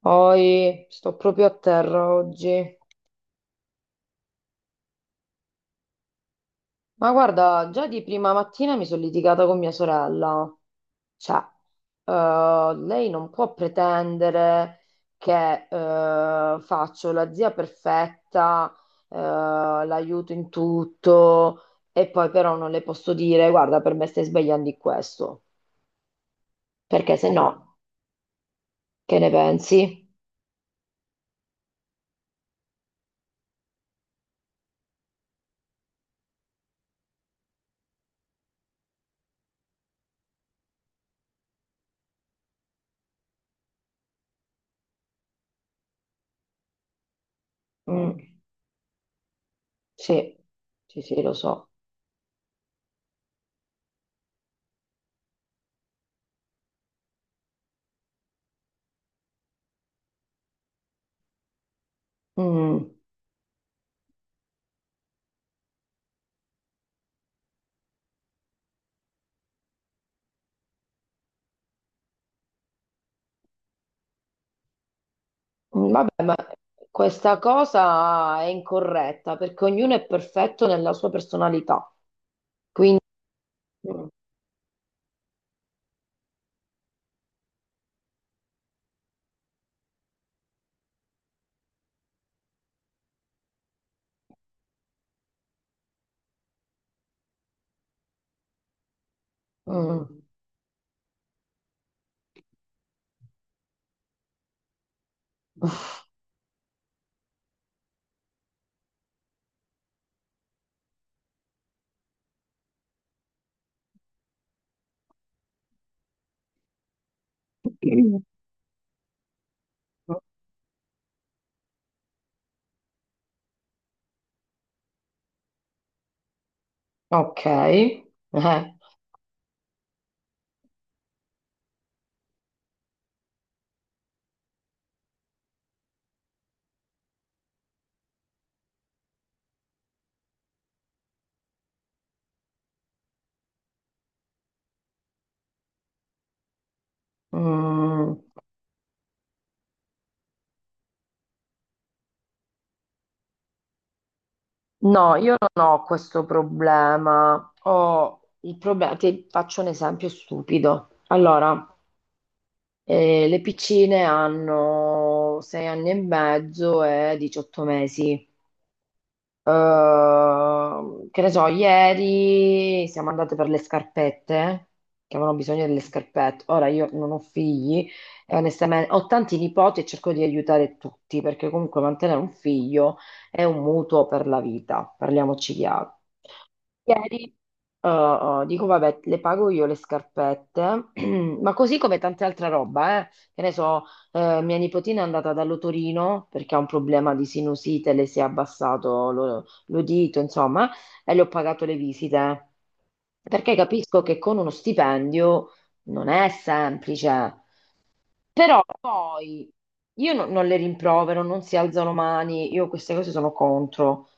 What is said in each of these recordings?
Poi sto proprio a terra oggi. Ma guarda, già di prima mattina mi sono litigata con mia sorella. Cioè, lei non può pretendere che faccio la zia perfetta, l'aiuto in tutto, e poi però non le posso dire, guarda, per me stai sbagliando in questo. Perché se no, che ne pensi? Mm, sì, sì, sì, lo so. Mm. Vabbè, ma questa cosa è incorretta perché ognuno è perfetto nella sua personalità. Mm. Mm. Ok. Mm. No, io non ho questo problema. Ho il problema, ti faccio un esempio stupido. Allora, le piccine hanno 6 anni e mezzo e 18 mesi. Che ne so, ieri siamo andate per le scarpette, che avevano bisogno delle scarpette. Ora io non ho figli e onestamente ho tanti nipoti e cerco di aiutare tutti, perché comunque mantenere un figlio è un mutuo per la vita, parliamoci chiaro. Ieri, eh, dico, vabbè, le pago io le scarpette, ma così come tante altre roba, eh. Che ne so, mia nipotina è andata dall'otorino perché ha un problema di sinusite, le si è abbassato l'udito, insomma, e le ho pagato le visite. Perché capisco che con uno stipendio non è semplice, però poi io non le rimprovero, non si alzano mani, io queste cose sono contro.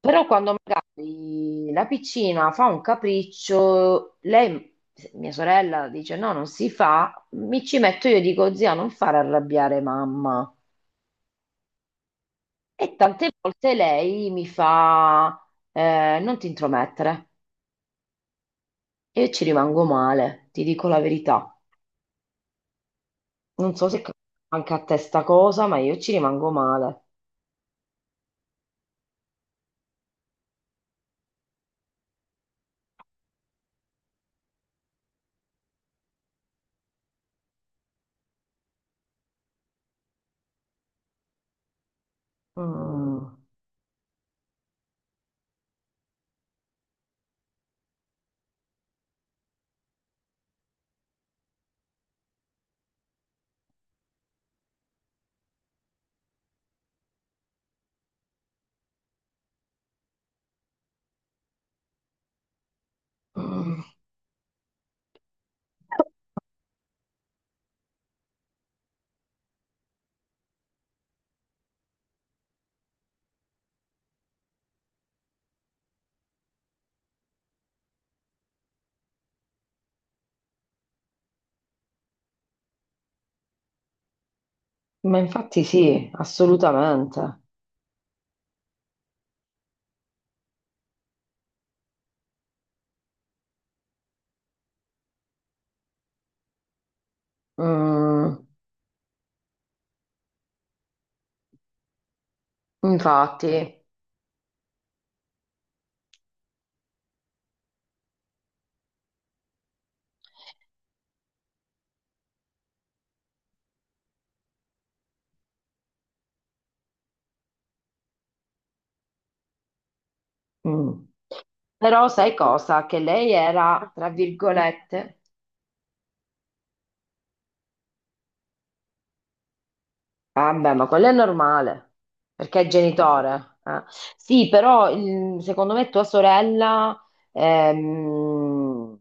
Però quando magari la piccina fa un capriccio, lei, mia sorella, dice no, non si fa, mi ci metto io e dico zia, non far arrabbiare mamma. E tante volte lei mi fa non ti intromettere. E io ci rimango male, ti dico la verità. Non so se capita anche a te sta cosa, ma io ci rimango male. Mm. Mm. Ma infatti sì, assolutamente. Mm. Infatti. Mm. Però sai cosa? Che lei era, tra virgolette, vabbè, ma quello è normale, perché è genitore. Eh. Sì, però secondo me tua sorella ehm,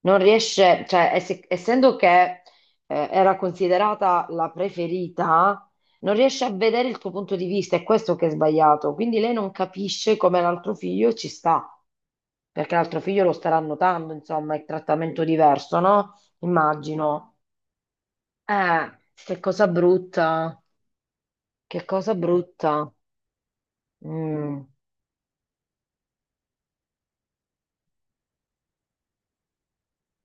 non riesce, cioè essendo che era considerata la preferita, non riesce a vedere il tuo punto di vista, è questo che è sbagliato. Quindi lei non capisce come l'altro figlio ci sta, perché l'altro figlio lo starà notando, insomma, è trattamento diverso, no? Immagino. Che cosa brutta, che cosa brutta. Mm,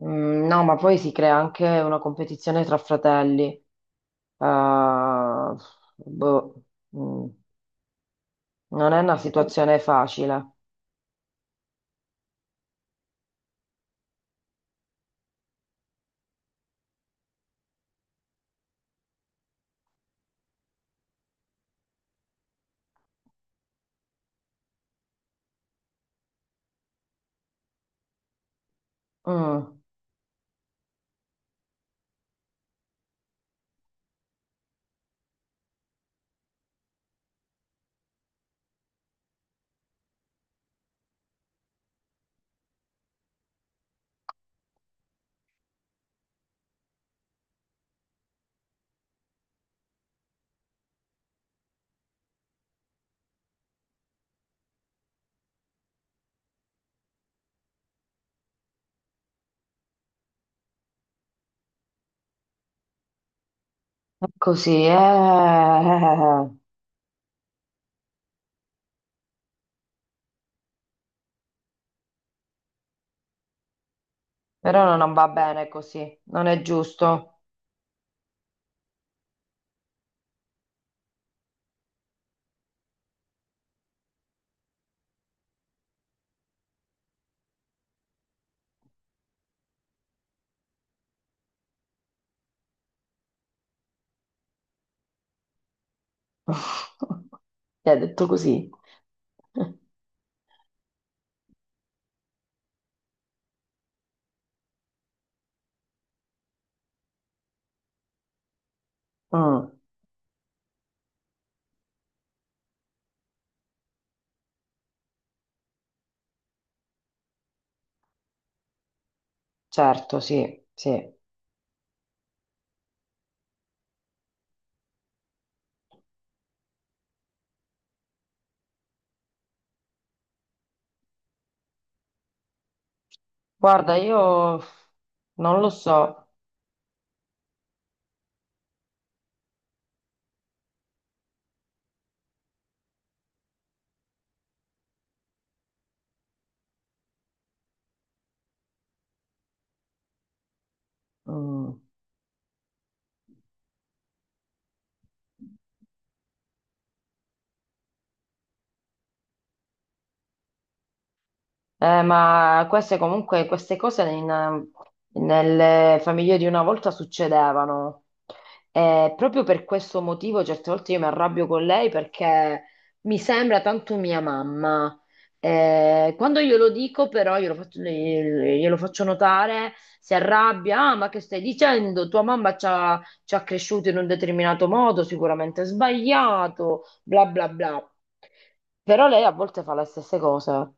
mm, no, ma poi si crea anche una competizione tra fratelli. Boh, mm, non è una situazione facile. Mm, è così, eh. Però non va bene così, non è giusto. Mi ha detto così. Mm, certo, sì, sì. Guarda, io non lo so. Mm. Ma queste comunque, queste cose nelle famiglie di una volta succedevano. E proprio per questo motivo certe volte io mi arrabbio con lei perché mi sembra tanto mia mamma. Quando glielo dico però, glielo faccio notare, si arrabbia, ah, ma che stai dicendo? Tua mamma ci ha cresciuto in un determinato modo, sicuramente sbagliato, bla bla bla. Però lei a volte fa le stesse cose.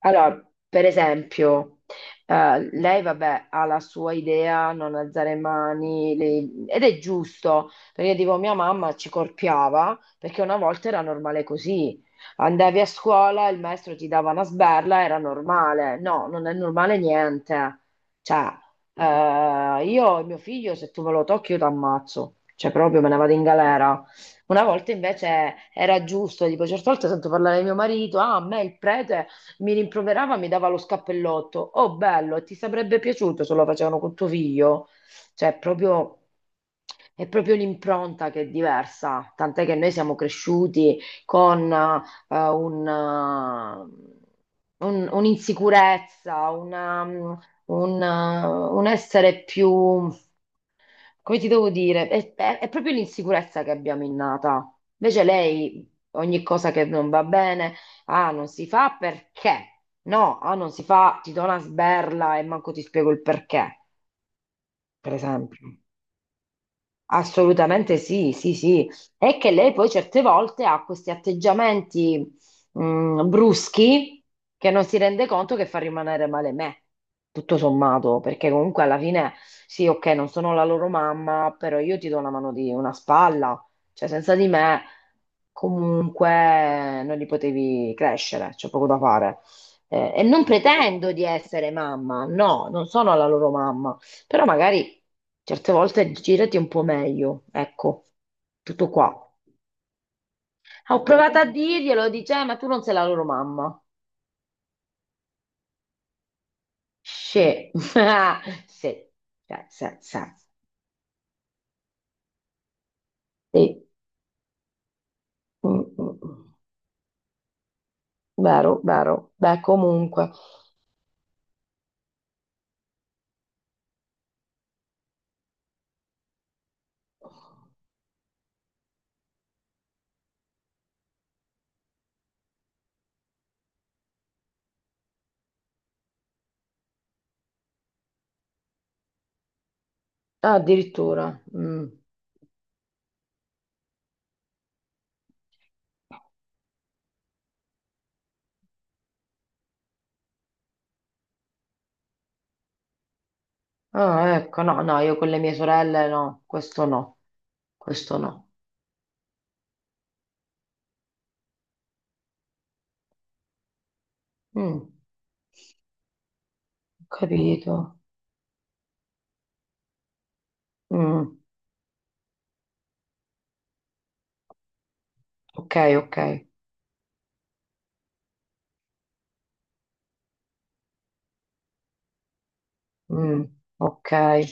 Allora, per esempio, lei, vabbè, ha la sua idea, non alzare mani, ed è giusto, perché tipo mia mamma ci corpiava, perché una volta era normale così. Andavi a scuola, il maestro ti dava una sberla, era normale. No, non è normale niente. Cioè, io e mio figlio, se tu me lo tocchi, io ti ammazzo. Cioè, proprio me ne vado in galera. Una volta invece era giusto, tipo, certe volte sento parlare di mio marito, ah, a me il prete mi rimproverava, mi dava lo scappellotto. Oh, bello, ti sarebbe piaciuto se lo facevano con tuo figlio? Cioè, proprio, è proprio l'impronta che è diversa. Tant'è che noi siamo cresciuti con un'insicurezza, un essere più come ti devo dire, è proprio l'insicurezza che abbiamo innata. Invece lei, ogni cosa che non va bene, ah, non si fa perché? No, ah, non si fa, ti do una sberla e manco ti spiego il perché, per esempio. Assolutamente sì, sì, sì. È che lei poi certe volte ha questi atteggiamenti bruschi che non si rende conto che fa rimanere male me, tutto sommato, perché comunque alla fine sì, ok, non sono la loro mamma, però io ti do una mano di una spalla, cioè senza di me comunque non li potevi crescere, c'è poco da fare. E non pretendo di essere mamma, no, non sono la loro mamma però magari certe volte girati un po' meglio, ecco, tutto qua. Ah, ho provato a dirglielo, dice, ma tu non sei la loro mamma. Sì, sì, cioè, sì, sì. Sì. Mm, mm, mm. Vero, vero. Beh, comunque. Ah, addirittura. Mm. Ah, ecco, no, no, io con le mie sorelle no, questo no, questo no. Mm, ho capito. Mm, ok, ok. Mm, ok.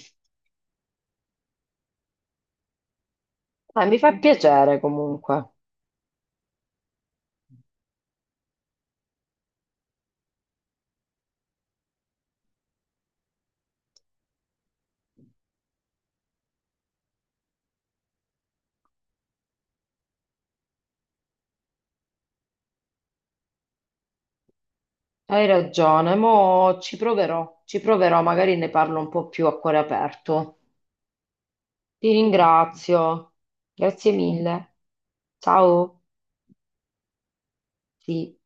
Mi fa piacere comunque. Hai ragione, mo ci proverò, magari ne parlo un po' più a cuore aperto. Ti ringrazio. Grazie mille. Ciao. Sì.